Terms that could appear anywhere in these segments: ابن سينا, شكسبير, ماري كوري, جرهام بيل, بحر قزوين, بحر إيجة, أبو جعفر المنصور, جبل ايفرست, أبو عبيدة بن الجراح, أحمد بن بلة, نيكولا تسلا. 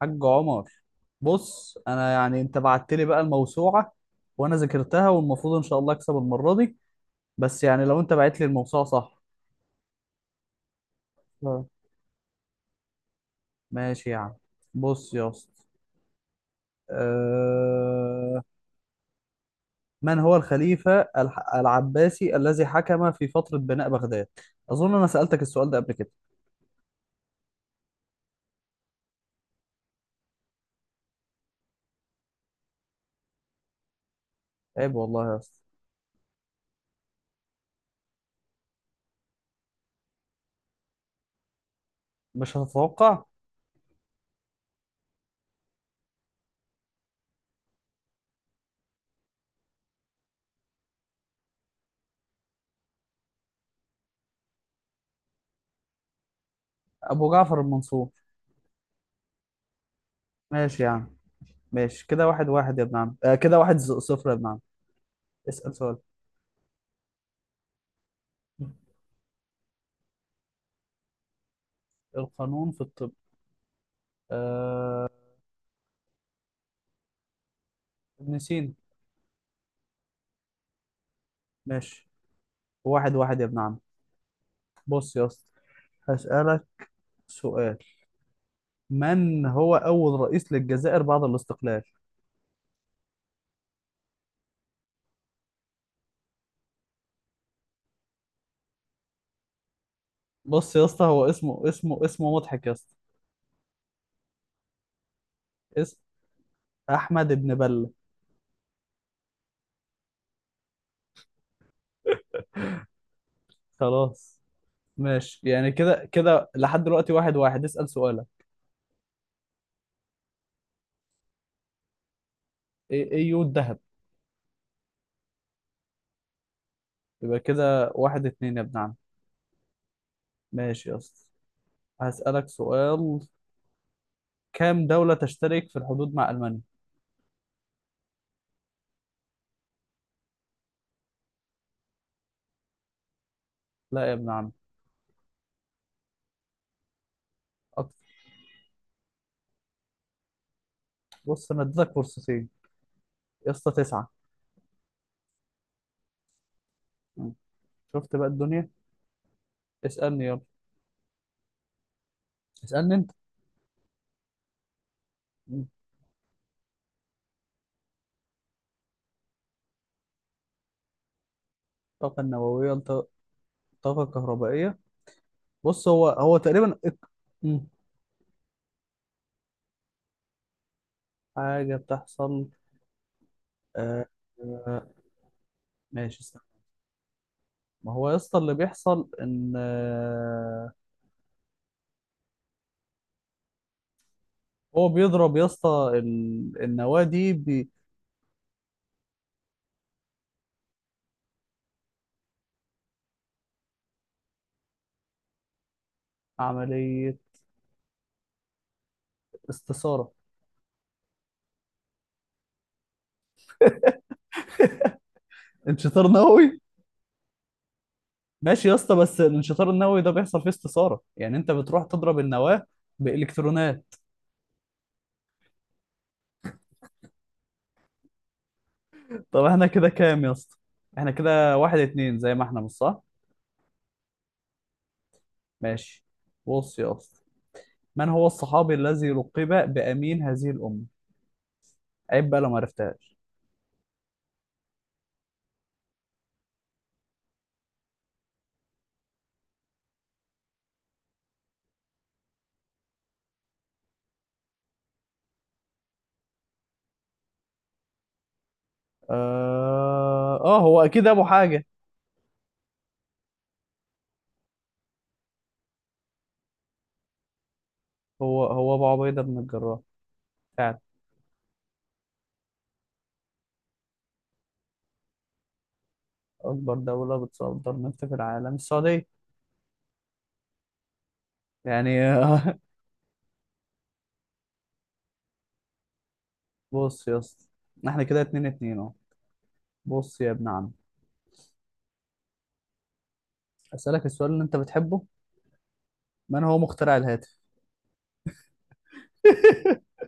حاج عمر، بص انا يعني انت بعت لي بقى الموسوعه وانا ذاكرتها والمفروض ان شاء الله اكسب المره دي. بس يعني لو انت بعت لي الموسوعه صح. آه. ماشي يا عم. بص يا اسطى، أه... من هو الخليفه العباسي الذي حكم في فتره بناء بغداد؟ اظن انا سالتك السؤال ده قبل كده. عيب والله يا اسطى، مش هتتوقع. ابو جعفر المنصور. ماشي يا عم. ماشي كده واحد واحد يا ابن عم. أه كده واحد صفر يا ابن عم. اسال سؤال. القانون في الطب. آه، ابن سينا. ماشي، واحد واحد يا ابن عم. بص يا اسطى، هسألك سؤال. من هو أول رئيس للجزائر بعد الاستقلال؟ بص يا اسطى، هو اسمه مضحك يا اسطى. اسم أحمد ابن بلة. خلاص، ماشي، يعني كده كده لحد دلوقتي واحد واحد. اسأل سؤالك. ايه ايه، يود دهب. يبقى كده واحد اتنين يا ابن عم. ماشي يا اسطى، هسألك سؤال. كام دولة تشترك في الحدود مع ألمانيا؟ لا يا ابن عم. أكتر. بص انا اديتك فرصتين. يا اسطى، تسعة. شفت بقى الدنيا. اسألني يلا. اسألني انت. مم. الطاقة النووية، الطاقة الكهربائية. بص هو هو تقريبا مم. حاجة بتحصل. آه. آه. ماشي استنى. ما هو يا اسطى اللي بيحصل ان هو بيضرب يا اسطى النواة دي بعملية استثارة. انشطار نووي. ماشي يا اسطى، بس الانشطار النووي ده بيحصل فيه استثارة، يعني انت بتروح تضرب النواة بإلكترونات. طب احنا كده كام يا اسطى؟ احنا كده واحد اتنين زي ما احنا مش صح؟ ماشي. بص يا اسطى، من هو الصحابي الذي لقب بأمين هذه الأمة؟ عيب بقى لو ما عرفتهاش. اه هو اكيد ابو حاجة. هو هو ابو عبيدة بن الجراح فعلا. اكبر دولة بتصدر نفط في العالم السعودية. يعني بص يا اسطى، احنا كده اتنين اتنين اهو. بص يا ابن عم، اسألك السؤال اللي انت بتحبه. من هو مخترع الهاتف؟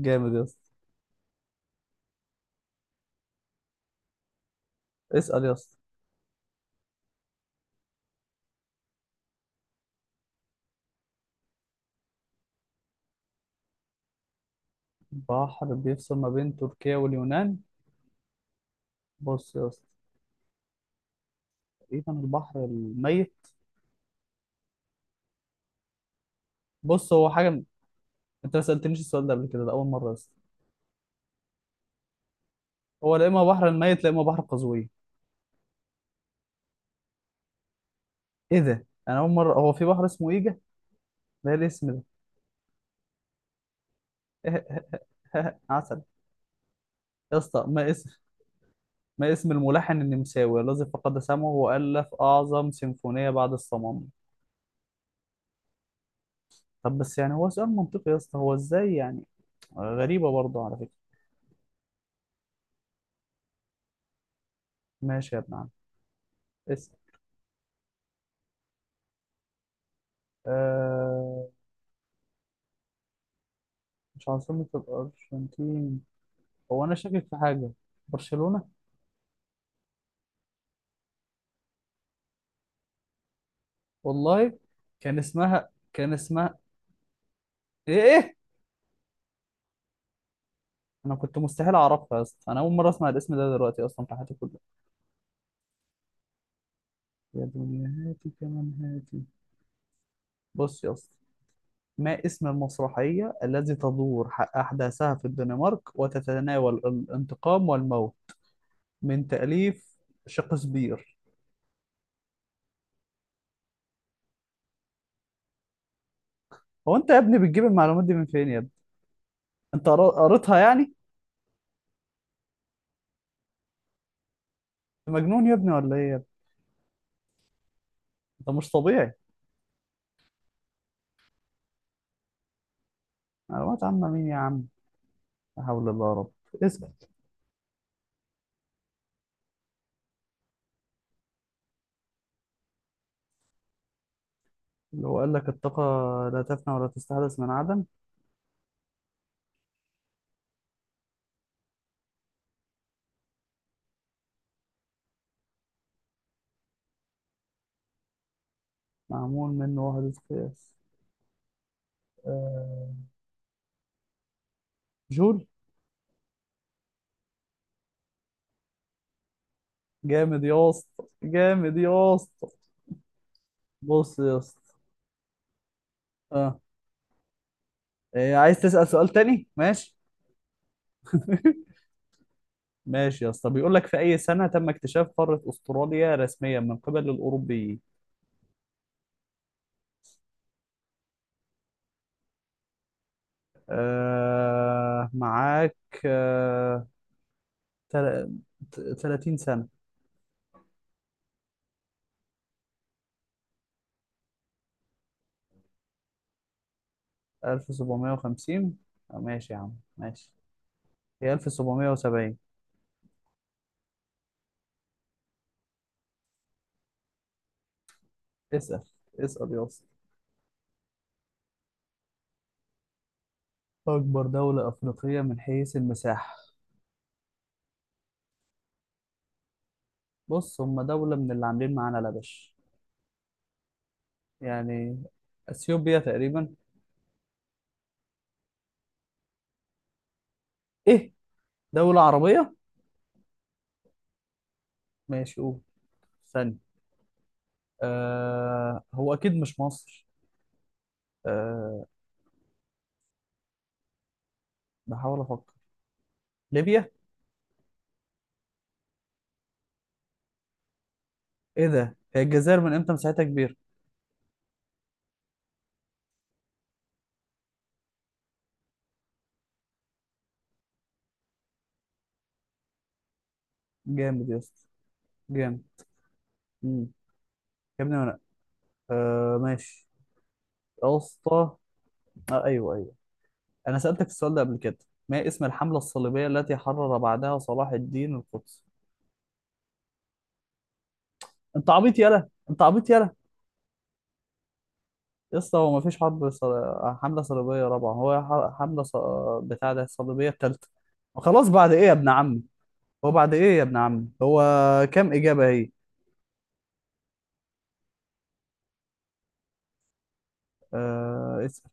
جامد يا اسطى. اسأل يا اسطى. بحر بيفصل ما بين تركيا واليونان. بص يا اسطى، تقريبا البحر الميت. بص هو انت ما سالتنيش السؤال ده قبل كده، ده اول مره يا اسطى. هو لا اما بحر الميت لا اما بحر قزوين. ايه ده، انا اول مره هو في بحر اسمه ايجا؟ ده إيه الاسم ده؟ عسل. يا اسطى ما اسم، ما اسم الملحن النمساوي الذي فقد سمعه والف اعظم سيمفونيه بعد الصمام؟ طب بس يعني هو سؤال منطقي يا اسطى، هو ازاي يعني؟ غريبه برضه على فكره. ماشي يا ابن عم، اسال. آه، مش عاصمة الأرجنتين، هو أنا شاكك في حاجة. برشلونة. والله كان اسمها كان اسمها إيه إيه؟ أنا كنت مستحيل أعرفها يا اسطى، أنا أول مرة أسمع الاسم ده دلوقتي أصلا في حياتي كلها. يا دنيا هاتي كمان، هاتي. بص يا اسطى، ما اسم المسرحية التي تدور أحداثها في الدنمارك وتتناول الانتقام والموت، من تأليف شكسبير؟ هو أنت يا ابني بتجيب المعلومات دي من فين يا ابني؟ أنت قريتها يعني؟ أنت مجنون يا ابني ولا إيه يا ابني؟ أنت مش طبيعي. معلومات عامة مين يا عم؟ لا حول الله يا رب. اسأل. اللي هو قال لك الطاقة لا تفنى ولا تستحدث من عدم. معمول من وحدة قياس. آه، جول. جامد يا اسطى، جامد يا اسطى. بص يا اسطى. اه إيه، عايز تسأل سؤال تاني؟ ماشي. ماشي يا اسطى. بيقول لك في أي سنة تم اكتشاف قارة أستراليا رسميا من قبل الأوروبيين؟ آه معاك. آه. تل- 30 سنة. 1750؟ آه، ماشي يا عم ماشي. هي 1770. اسأل. اسأل يا اسطى. أكبر دولة أفريقية من حيث المساحة. بص هم دولة من اللي عاملين معانا لبش يعني. أثيوبيا تقريبا. إيه؟ دولة عربية. ماشي قول. ثانية. آه هو أكيد مش مصر. آه، بحاول أفكر. ليبيا. إيه ده، هي الجزائر من إمتى مساحتها كبيرة؟ جامد يا اسطى، جامد. مم. يا ابني أنا، آه ماشي. يا اسطى، آه أيوه أيوه، أنا سألتك السؤال ده قبل كده. ما اسم الحملة الصليبية التي حرر بعدها صلاح الدين القدس؟ أنت عبيط يالا، أنت عبيط يالا. يا اسطى هو مفيش حملة صليبية رابعة، هو بتاع ده الصليبية التالتة. خلاص، بعد إيه يا ابن عمي؟ هو بعد إيه يا ابن عمي؟ هو كام إجابة هي؟ اسأل.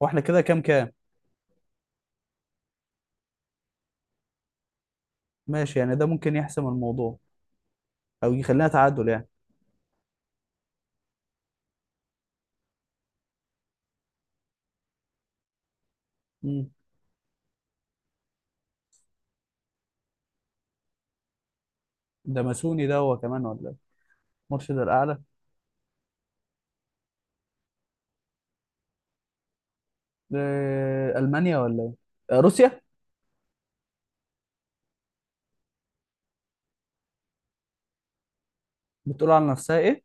وإحنا كده كام كام؟ ماشي، يعني ده ممكن يحسم الموضوع أو يخلينا تعادل يعني. مم. ده ماسوني ده هو كمان ولا إيه؟ مرشد الأعلى. ألمانيا ولا إيه؟ آه، روسيا. بتقول على نفسها إيه؟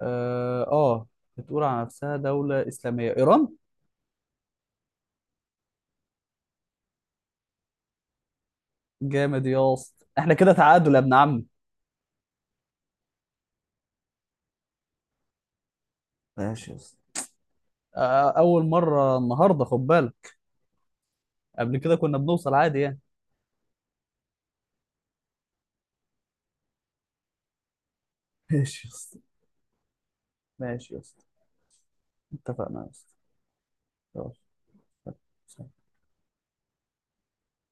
اه بتقول على نفسها دولة إسلامية، إيران. جامد يا اسطى، احنا كده تعادل يا ابن عم. ماشي يا اسطى. آه، أول مرة النهاردة، خد بالك. قبل كده كنا بنوصل عادي يعني. ماشي يا اسطى، ماشي يا اسطى. اتفقنا يا اسطى. يلا.